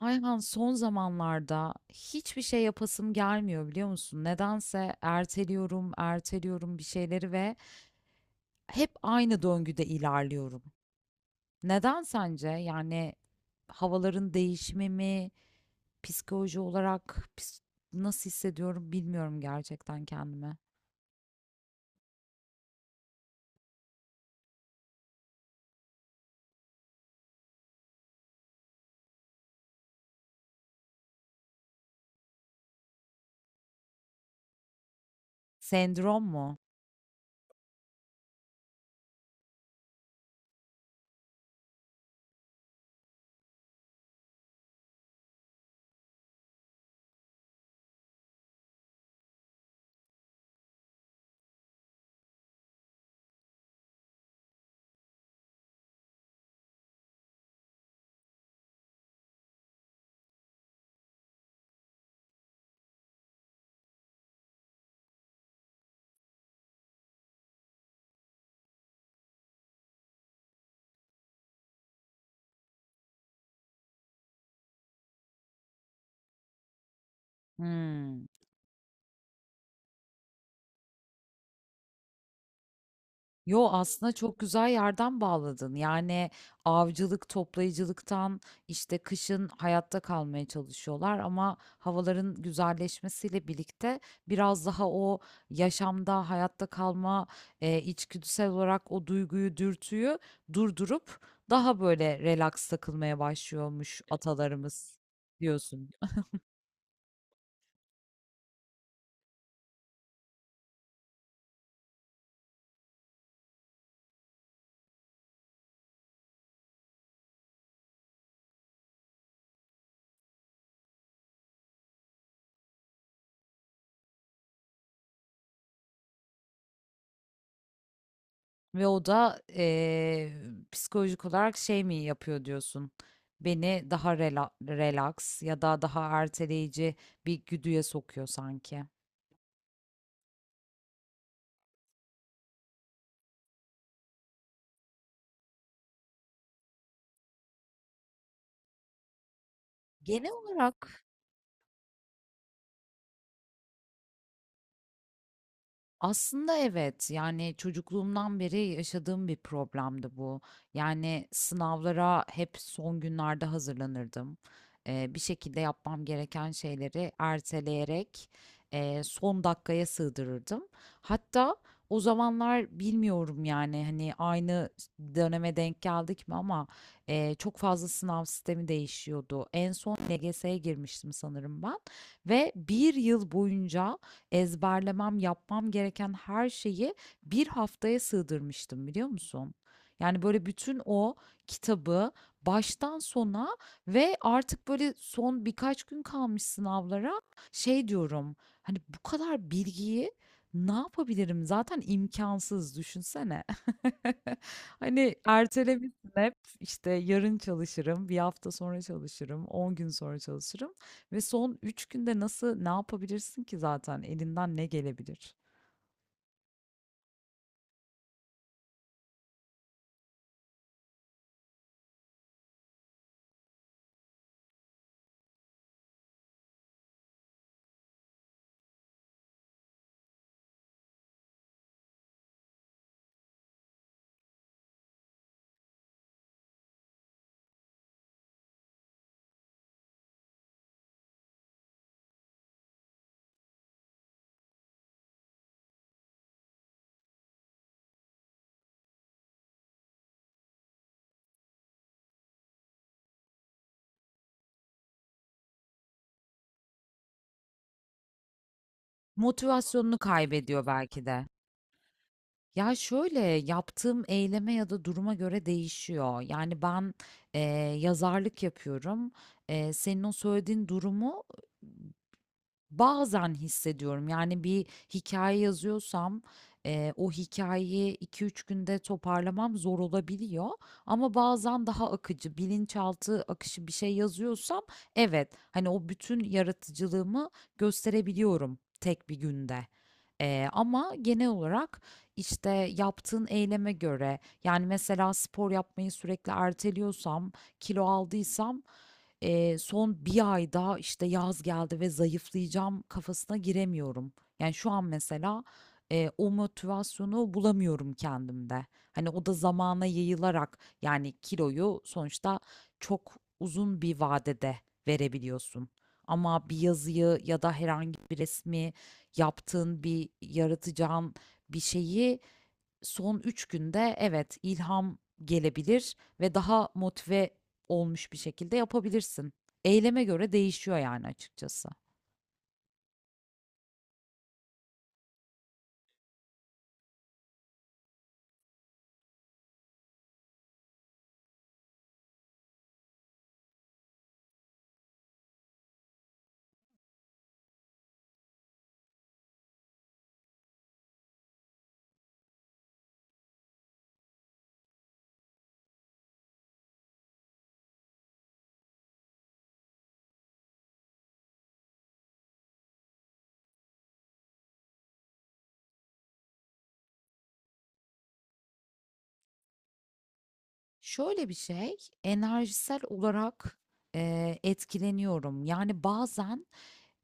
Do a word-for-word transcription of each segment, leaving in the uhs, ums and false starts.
Ayhan, son zamanlarda hiçbir şey yapasım gelmiyor, biliyor musun? Nedense erteliyorum, erteliyorum bir şeyleri ve hep aynı döngüde ilerliyorum. Neden sence? Yani havaların değişimi mi, psikoloji olarak pis- nasıl hissediyorum bilmiyorum gerçekten kendimi. Sendrom mu? Hmm. Yo, aslında çok güzel yerden bağladın. Yani avcılık, toplayıcılıktan işte kışın hayatta kalmaya çalışıyorlar ama havaların güzelleşmesiyle birlikte biraz daha o yaşamda hayatta kalma e, içgüdüsel olarak o duyguyu, dürtüyü durdurup daha böyle relax takılmaya başlıyormuş atalarımız diyorsun. Ve o da eee, psikolojik olarak şey mi yapıyor diyorsun? Beni daha rela relax ya da daha erteleyici bir güdüye sokuyor sanki. Genel olarak. Aslında evet, yani çocukluğumdan beri yaşadığım bir problemdi bu. Yani sınavlara hep son günlerde hazırlanırdım. Ee, bir şekilde yapmam gereken şeyleri erteleyerek e, son dakikaya sığdırırdım. Hatta o zamanlar bilmiyorum yani hani aynı döneme denk geldik mi ama e, çok fazla sınav sistemi değişiyordu. En son L G S'ye girmiştim sanırım ben ve bir yıl boyunca ezberlemem, yapmam gereken her şeyi bir haftaya sığdırmıştım, biliyor musun? Yani böyle, bütün o kitabı baştan sona ve artık böyle son birkaç gün kalmış sınavlara şey diyorum, hani bu kadar bilgiyi ne yapabilirim? Zaten imkansız, düşünsene. Hani ertelemişsin hep, işte yarın çalışırım, bir hafta sonra çalışırım, on gün sonra çalışırım. Ve son üç günde nasıl ne yapabilirsin ki, zaten elinden ne gelebilir? Motivasyonunu kaybediyor belki de. Ya, şöyle, yaptığım eyleme ya da duruma göre değişiyor. Yani ben e, yazarlık yapıyorum. E, senin o söylediğin durumu bazen hissediyorum. Yani bir hikaye yazıyorsam eee, o hikayeyi iki üç günde toparlamam zor olabiliyor ama bazen daha akıcı, bilinçaltı akışı bir şey yazıyorsam evet, hani, o bütün yaratıcılığımı gösterebiliyorum tek bir günde. Eee, ama genel olarak, işte, yaptığın eyleme göre yani, mesela spor yapmayı sürekli erteliyorsam, kilo aldıysam eee, son bir ayda, işte, yaz geldi ve zayıflayacağım kafasına giremiyorum. Yani şu an mesela eee, o motivasyonu bulamıyorum kendimde. Hani o da zamana yayılarak, yani kiloyu sonuçta çok uzun bir vadede verebiliyorsun. Ama bir yazıyı ya da herhangi bir resmi yaptığın, bir yaratacağın bir şeyi son üç günde, evet, ilham gelebilir ve daha motive olmuş bir şekilde yapabilirsin. Eyleme göre değişiyor yani, açıkçası. Şöyle bir şey, enerjisel olarak eee, etkileniyorum. Yani bazen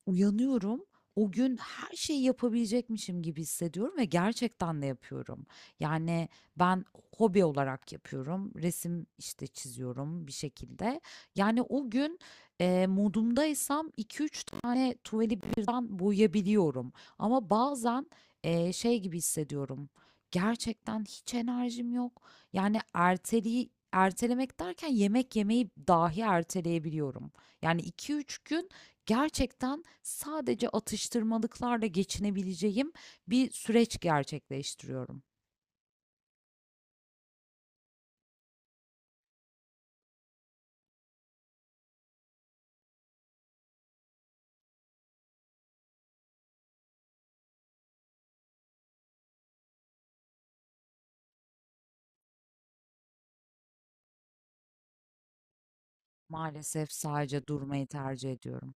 uyanıyorum. O gün her şeyi yapabilecekmişim gibi hissediyorum ve gerçekten de yapıyorum. Yani ben hobi olarak yapıyorum. Resim işte çiziyorum bir şekilde. Yani o gün e, modumdaysam iki üç tane tuvali birden boyayabiliyorum. Ama bazen e, şey gibi hissediyorum. Gerçekten hiç enerjim yok. Yani erteliği ertelemek derken yemek yemeyi dahi erteleyebiliyorum. Yani iki üç gün gerçekten sadece atıştırmalıklarla geçinebileceğim bir süreç gerçekleştiriyorum. Maalesef sadece durmayı tercih ediyorum.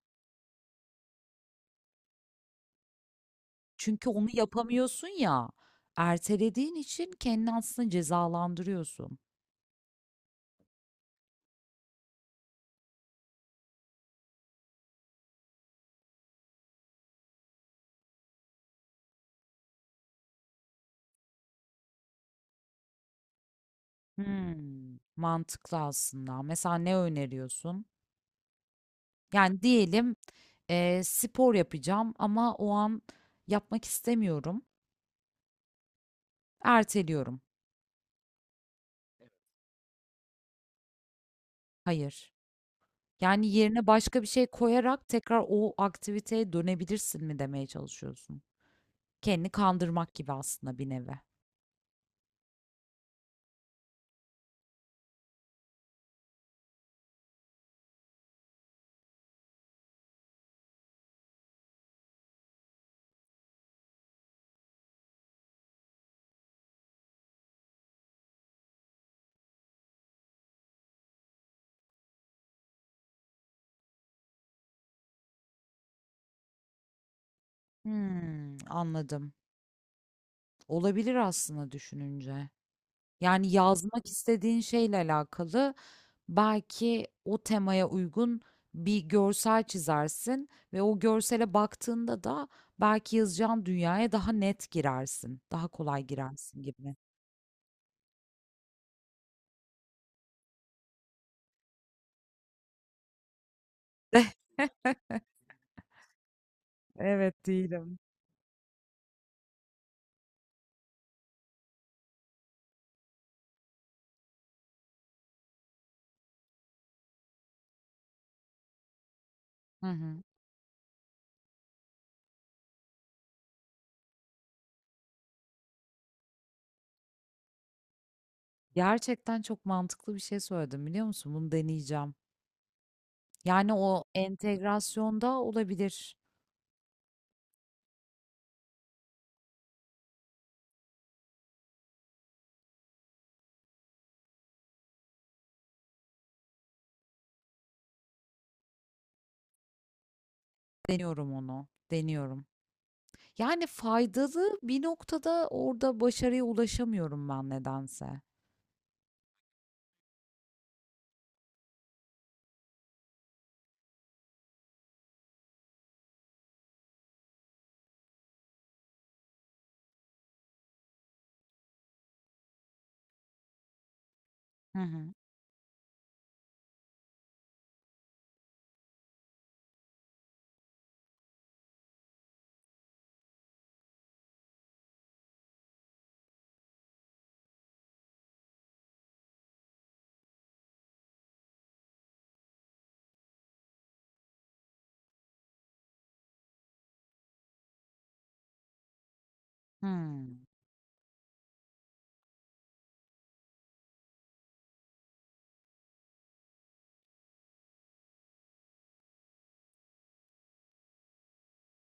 Çünkü onu yapamıyorsun ya, ertelediğin için kendini aslında cezalandırıyorsun. Hmm, mantıklı aslında. Mesela ne öneriyorsun? Yani diyelim eee, spor yapacağım ama o an yapmak istemiyorum. Erteliyorum. Hayır. Yani yerine başka bir şey koyarak tekrar o aktiviteye dönebilirsin mi demeye çalışıyorsun? Kendini kandırmak gibi aslında, bir nevi. Hımm, anladım. Olabilir aslında, düşününce. Yani yazmak istediğin şeyle alakalı belki o temaya uygun bir görsel çizersin ve o görsele baktığında da belki yazacağın dünyaya daha net girersin, daha kolay girersin gibi. Evet, değilim. Hı hı. Gerçekten çok mantıklı bir şey söyledim, biliyor musun? Bunu deneyeceğim. Yani o entegrasyonda olabilir. Deniyorum onu. Deniyorum. Yani faydalı bir noktada orada başarıya ulaşamıyorum ben nedense. Hı hı. Hmm.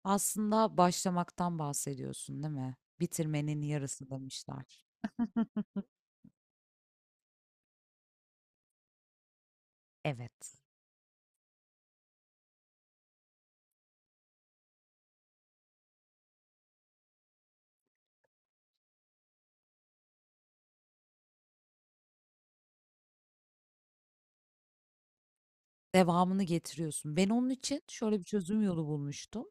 Aslında başlamaktan bahsediyorsun, değil mi? Bitirmenin yarısı demişler. Evet. Devamını getiriyorsun. Ben onun için şöyle bir çözüm yolu bulmuştum.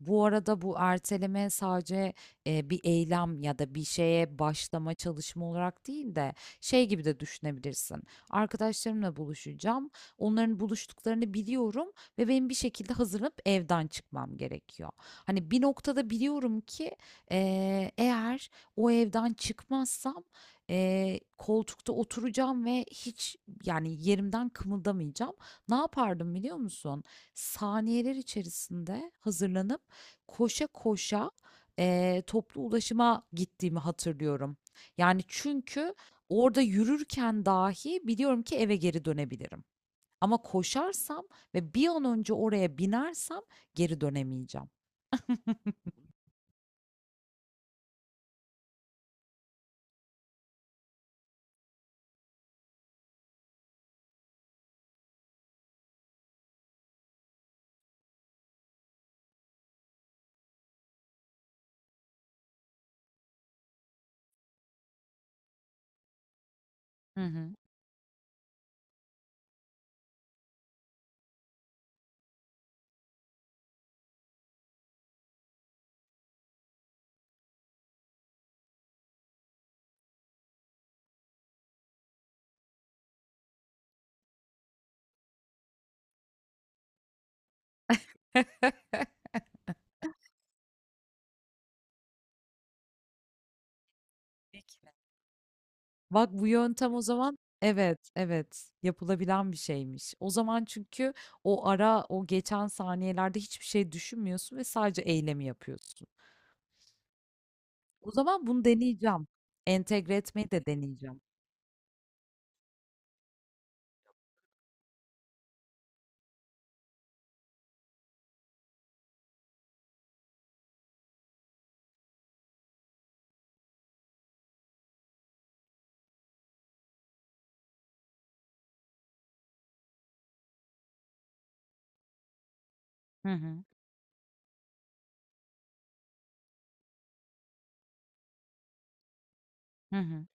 Bu arada bu erteleme sadece e, bir eylem ya da bir şeye başlama çalışma olarak değil de şey gibi de düşünebilirsin. Arkadaşlarımla buluşacağım. Onların buluştuklarını biliyorum ve benim bir şekilde hazırlanıp evden çıkmam gerekiyor. Hani bir noktada biliyorum ki e, eğer o evden çıkmazsam e, koltukta oturacağım ve hiç, yani, yerimden kımıldamayacağım. Ne yapardım, biliyor musun? Saniyeler içerisinde hazırlanıp koşa koşa eee, toplu ulaşıma gittiğimi hatırlıyorum. Yani çünkü orada yürürken dahi biliyorum ki eve geri dönebilirim. Ama koşarsam ve bir an önce oraya binersem geri dönemeyeceğim. Hı hı. Bak, bu yöntem o zaman, evet evet, yapılabilen bir şeymiş. O zaman, çünkü o ara, o geçen saniyelerde hiçbir şey düşünmüyorsun ve sadece eylemi yapıyorsun. O zaman bunu deneyeceğim. Entegre etmeyi de deneyeceğim. Hı hı. Hı hı.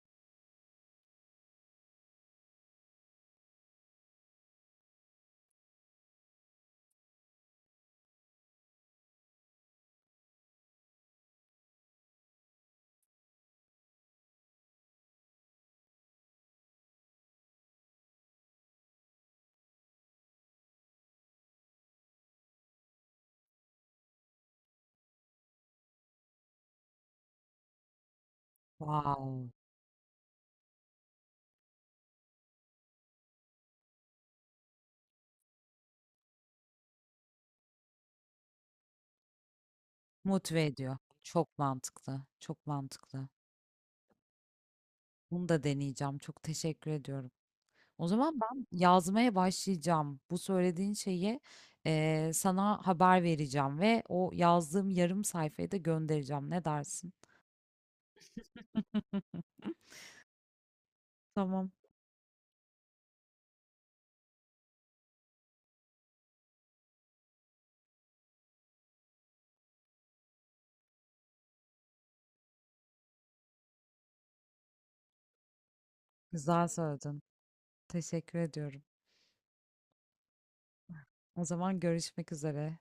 Wow. Motive ediyor. Çok mantıklı. Çok mantıklı. Bunu da deneyeceğim. Çok teşekkür ediyorum. O zaman ben yazmaya başlayacağım. Bu söylediğin şeyi eee, sana haber vereceğim ve o yazdığım yarım sayfayı da göndereceğim. Ne dersin? Tamam. Güzel söyledin. Teşekkür ediyorum. O zaman görüşmek üzere.